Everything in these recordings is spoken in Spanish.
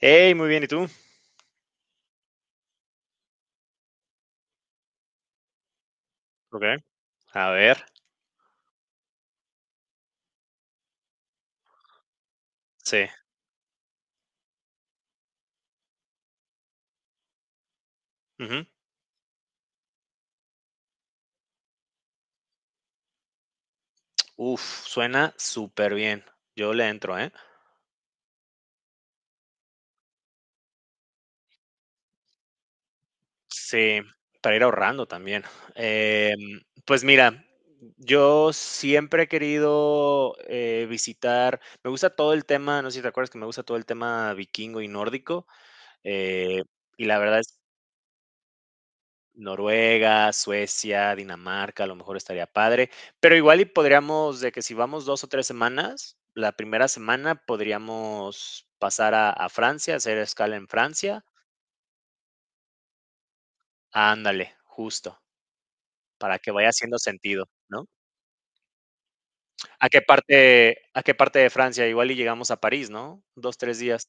Hey, muy bien, ¿y tú? Okey, a ver, sí, ujú. Uf, suena súper bien. Yo le entro, ¿eh? Sí, para ir ahorrando también. Pues mira, yo siempre he querido, visitar me gusta todo el tema, no sé si te acuerdas que me gusta todo el tema vikingo y nórdico, eh, y la verdad es Noruega, Suecia, Dinamarca, a lo mejor estaría padre, pero igual y podríamos, de que si vamos 2 o 3 semanas, la primera semana podríamos pasar a Francia, hacer escala en Francia. Ándale, justo, para que vaya haciendo sentido, ¿no? ¿A qué parte de Francia? Igual y llegamos a París, ¿no? 2 3 días.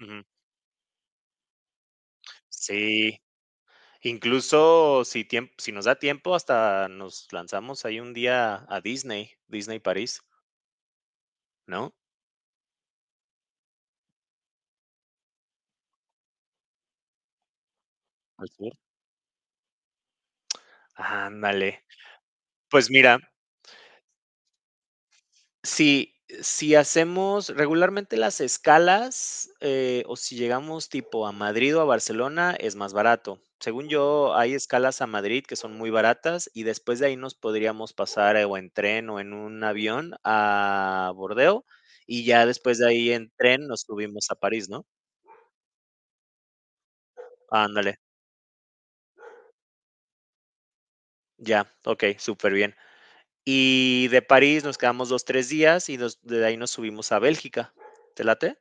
Ujú. Sí, incluso si nos da tiempo, hasta nos lanzamos ahí un día a Disney, Disney París, ¿no? Al sur. Ándale. Pues mira, si si hacemos regularmente las escalas, o si llegamos tipo a Madrid o a Barcelona, es más barato. Según yo, hay escalas a Madrid que son muy baratas y después de ahí nos podríamos pasar o en tren o en un avión a Bordeaux, y ya después de ahí en tren nos subimos a París, ¿no? Ándale, ya, ok, súper bien. Y de París nos quedamos 2, 3 días y de ahí nos subimos a Bélgica. ¿Te late?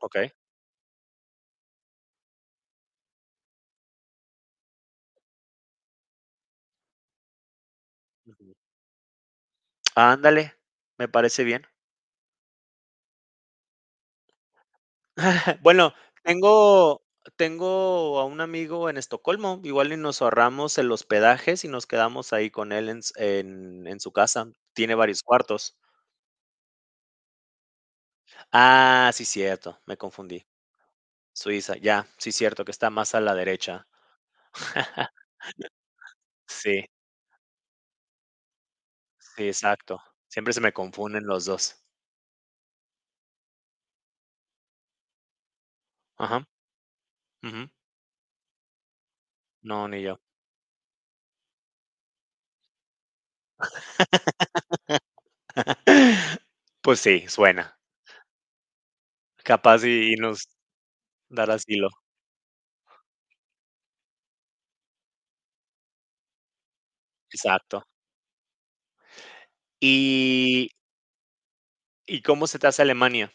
Ok. Ujú. Ándale, me parece bien. Bueno, tengo tengo a un amigo en Estocolmo, igual y nos ahorramos el hospedaje si nos quedamos ahí con él en s en su casa, tiene varios cuartos. Ah, sí, cierto, me confundí. Suiza, ya, sí, cierto, que está más a la derecha. Sí, sí, exacto. Siempre se me confunden los dos. Ajá, ujú. No, ni yo. Pues sí, suena. Capaz y nos dar asilo. Exacto. Y ¿Y cómo se te hace Alemania?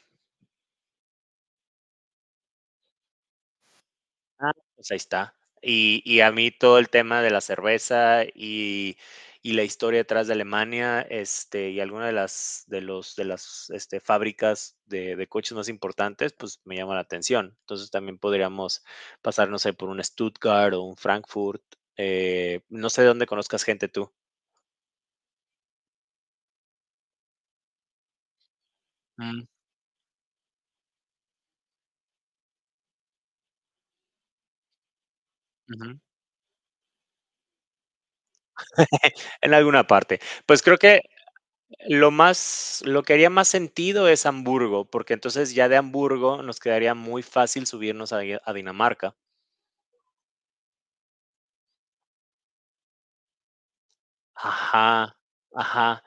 Ah, pues ahí está. Y a mí todo el tema de la cerveza y la historia detrás de Alemania, este, y alguna de las, de los, de las este, fábricas de coches más importantes, pues me llama la atención. Entonces también podríamos pasar, no sé, por un Stuttgart o un Frankfurt. No sé de dónde conozcas gente tú. Mm, ujú. En alguna parte. Pues creo que lo que haría más sentido es Hamburgo, porque entonces ya de Hamburgo nos quedaría muy fácil subirnos ahí a Dinamarca. Ajá, ajá.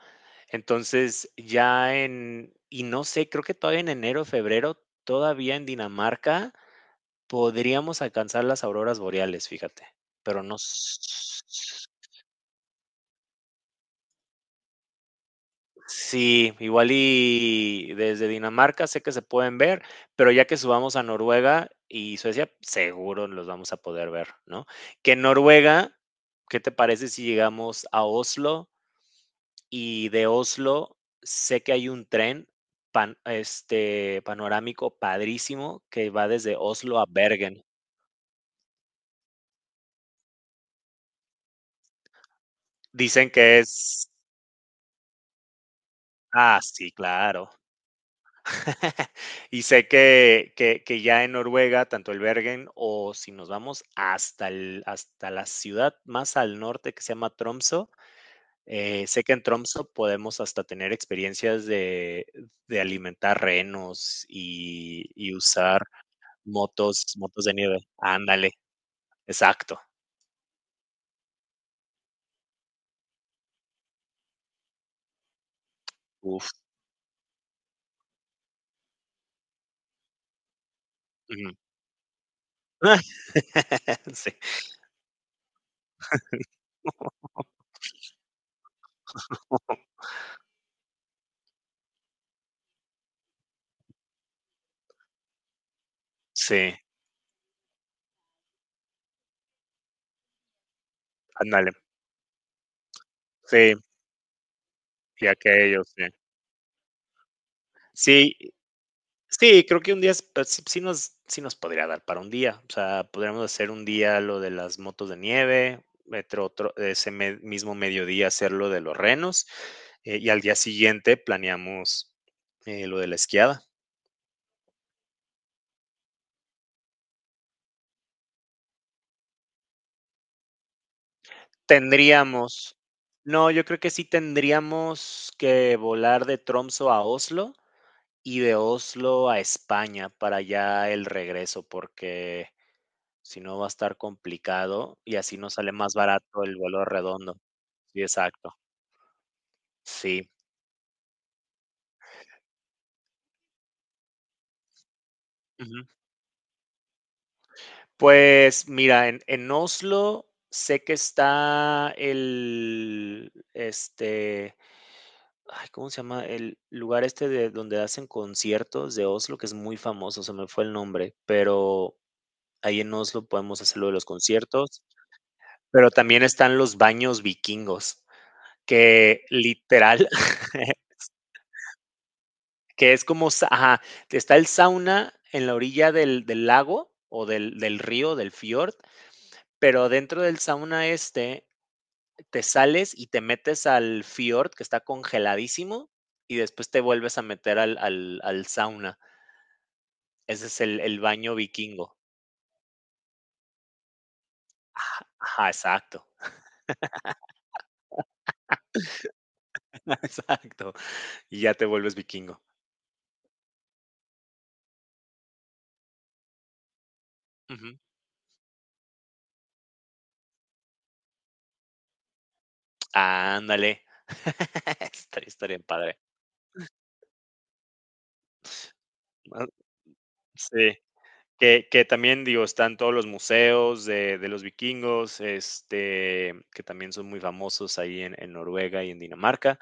Entonces, ya en y no sé, creo que todavía en enero, febrero, todavía en Dinamarca podríamos alcanzar las auroras boreales, fíjate, pero no s sí, igual y desde Dinamarca sé que se pueden ver, pero ya que subamos a Noruega y Suecia, seguro los vamos a poder ver, ¿no? Que en Noruega, ¿qué te parece si llegamos a Oslo? Y de Oslo sé que hay un tren panorámico padrísimo que va desde Oslo a Bergen. Dicen que es. Ah, sí, claro. Y sé que ya en Noruega, tanto el Bergen o si nos vamos hasta la ciudad más al norte que se llama Tromso. Sé que en Tromso podemos hasta tener experiencias de alimentar renos y usar motos de nieve. Ándale, exacto. Uf, ujú. Sí, sí, ándale. Sí, y aquello, sí. Sí. Sí, creo que un día es pues, sí nos podría dar para un día. O sea, podríamos hacer un día lo de las motos de nieve, otro ese me mismo mediodía hacer lo de los renos, y al día siguiente planeamos, lo de la esquiada. Tendríamos, no, yo creo que sí tendríamos que volar de Tromsø a Oslo y de Oslo a España para ya el regreso, porque si no va a estar complicado y así nos sale más barato el vuelo redondo. Sí, exacto. Sí. Ujú. Pues mira, en Oslo sé que está el, este, ay, ¿cómo se llama? El lugar este de donde hacen conciertos de Oslo, que es muy famoso, se me fue el nombre, pero ahí en Oslo podemos hacer lo de los conciertos, pero también están los baños vikingos, que literal, que es como, ajá, está el sauna en la orilla del lago o del río, del fiord. Pero dentro del sauna este, te sales y te metes al fiord, que está congeladísimo, y después te vuelves a meter al sauna. Ese es el baño vikingo. Ajá, ajá, exacto. Exacto. Y ya te vuelves vikingo. Ujú. Ándale. Estaría padre. Ah, sí, que también, digo, están todos los museos de los vikingos, este, que también son muy famosos ahí en Noruega y en Dinamarca.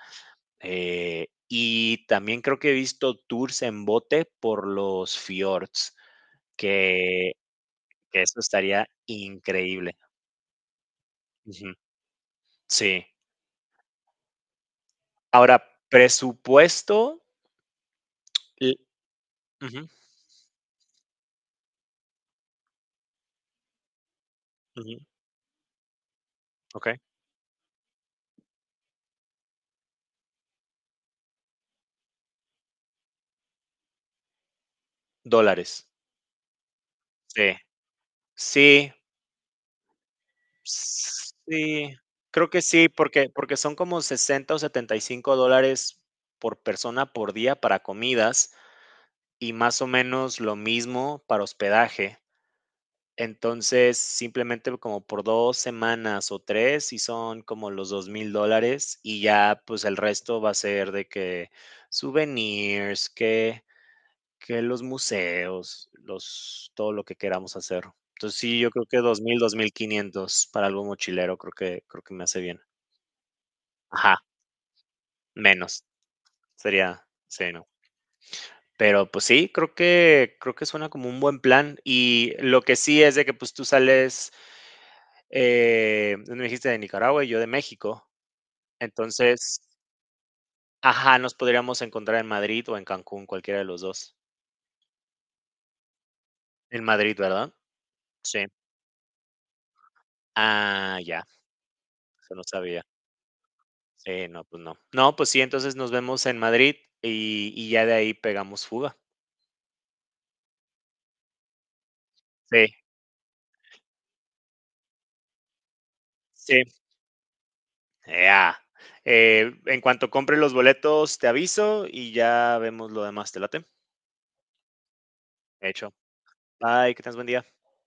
Y también creo que he visto tours en bote por los fiords, que que eso estaría increíble. Ujú, sí. Ahora, presupuesto l ujú, ujú, okey. Dólares. Sí, sí, sí, creo que sí, porque son como 60 o 75 dólares por persona por día para comidas, y más o menos lo mismo para hospedaje. Entonces, simplemente como por 2 semanas o 3 y son como los 2.000 dólares, y ya, pues, el resto va a ser de que souvenirs, que los museos, los todo lo que queramos hacer. Entonces, sí, yo creo que dos mil 2.500 para algo mochilero, creo que me hace bien. Ajá, menos, sería sí, no. Pero, pues sí, creo que suena como un buen plan. Y lo que sí es de que, pues, tú sales, me dijiste de Nicaragua y yo de México. Entonces, ajá, nos podríamos encontrar en Madrid o en Cancún, cualquiera de los dos. En Madrid, ¿verdad? Sí. Ah, ya, eso no sabía. Sí, no, pues no. No, pues sí, entonces nos vemos en Madrid y ya de ahí pegamos fuga. Sí. Sí. Ya, en cuanto compre los boletos, te aviso y ya vemos lo demás. ¿Te late? Hecho. Bye, que tengas buen día.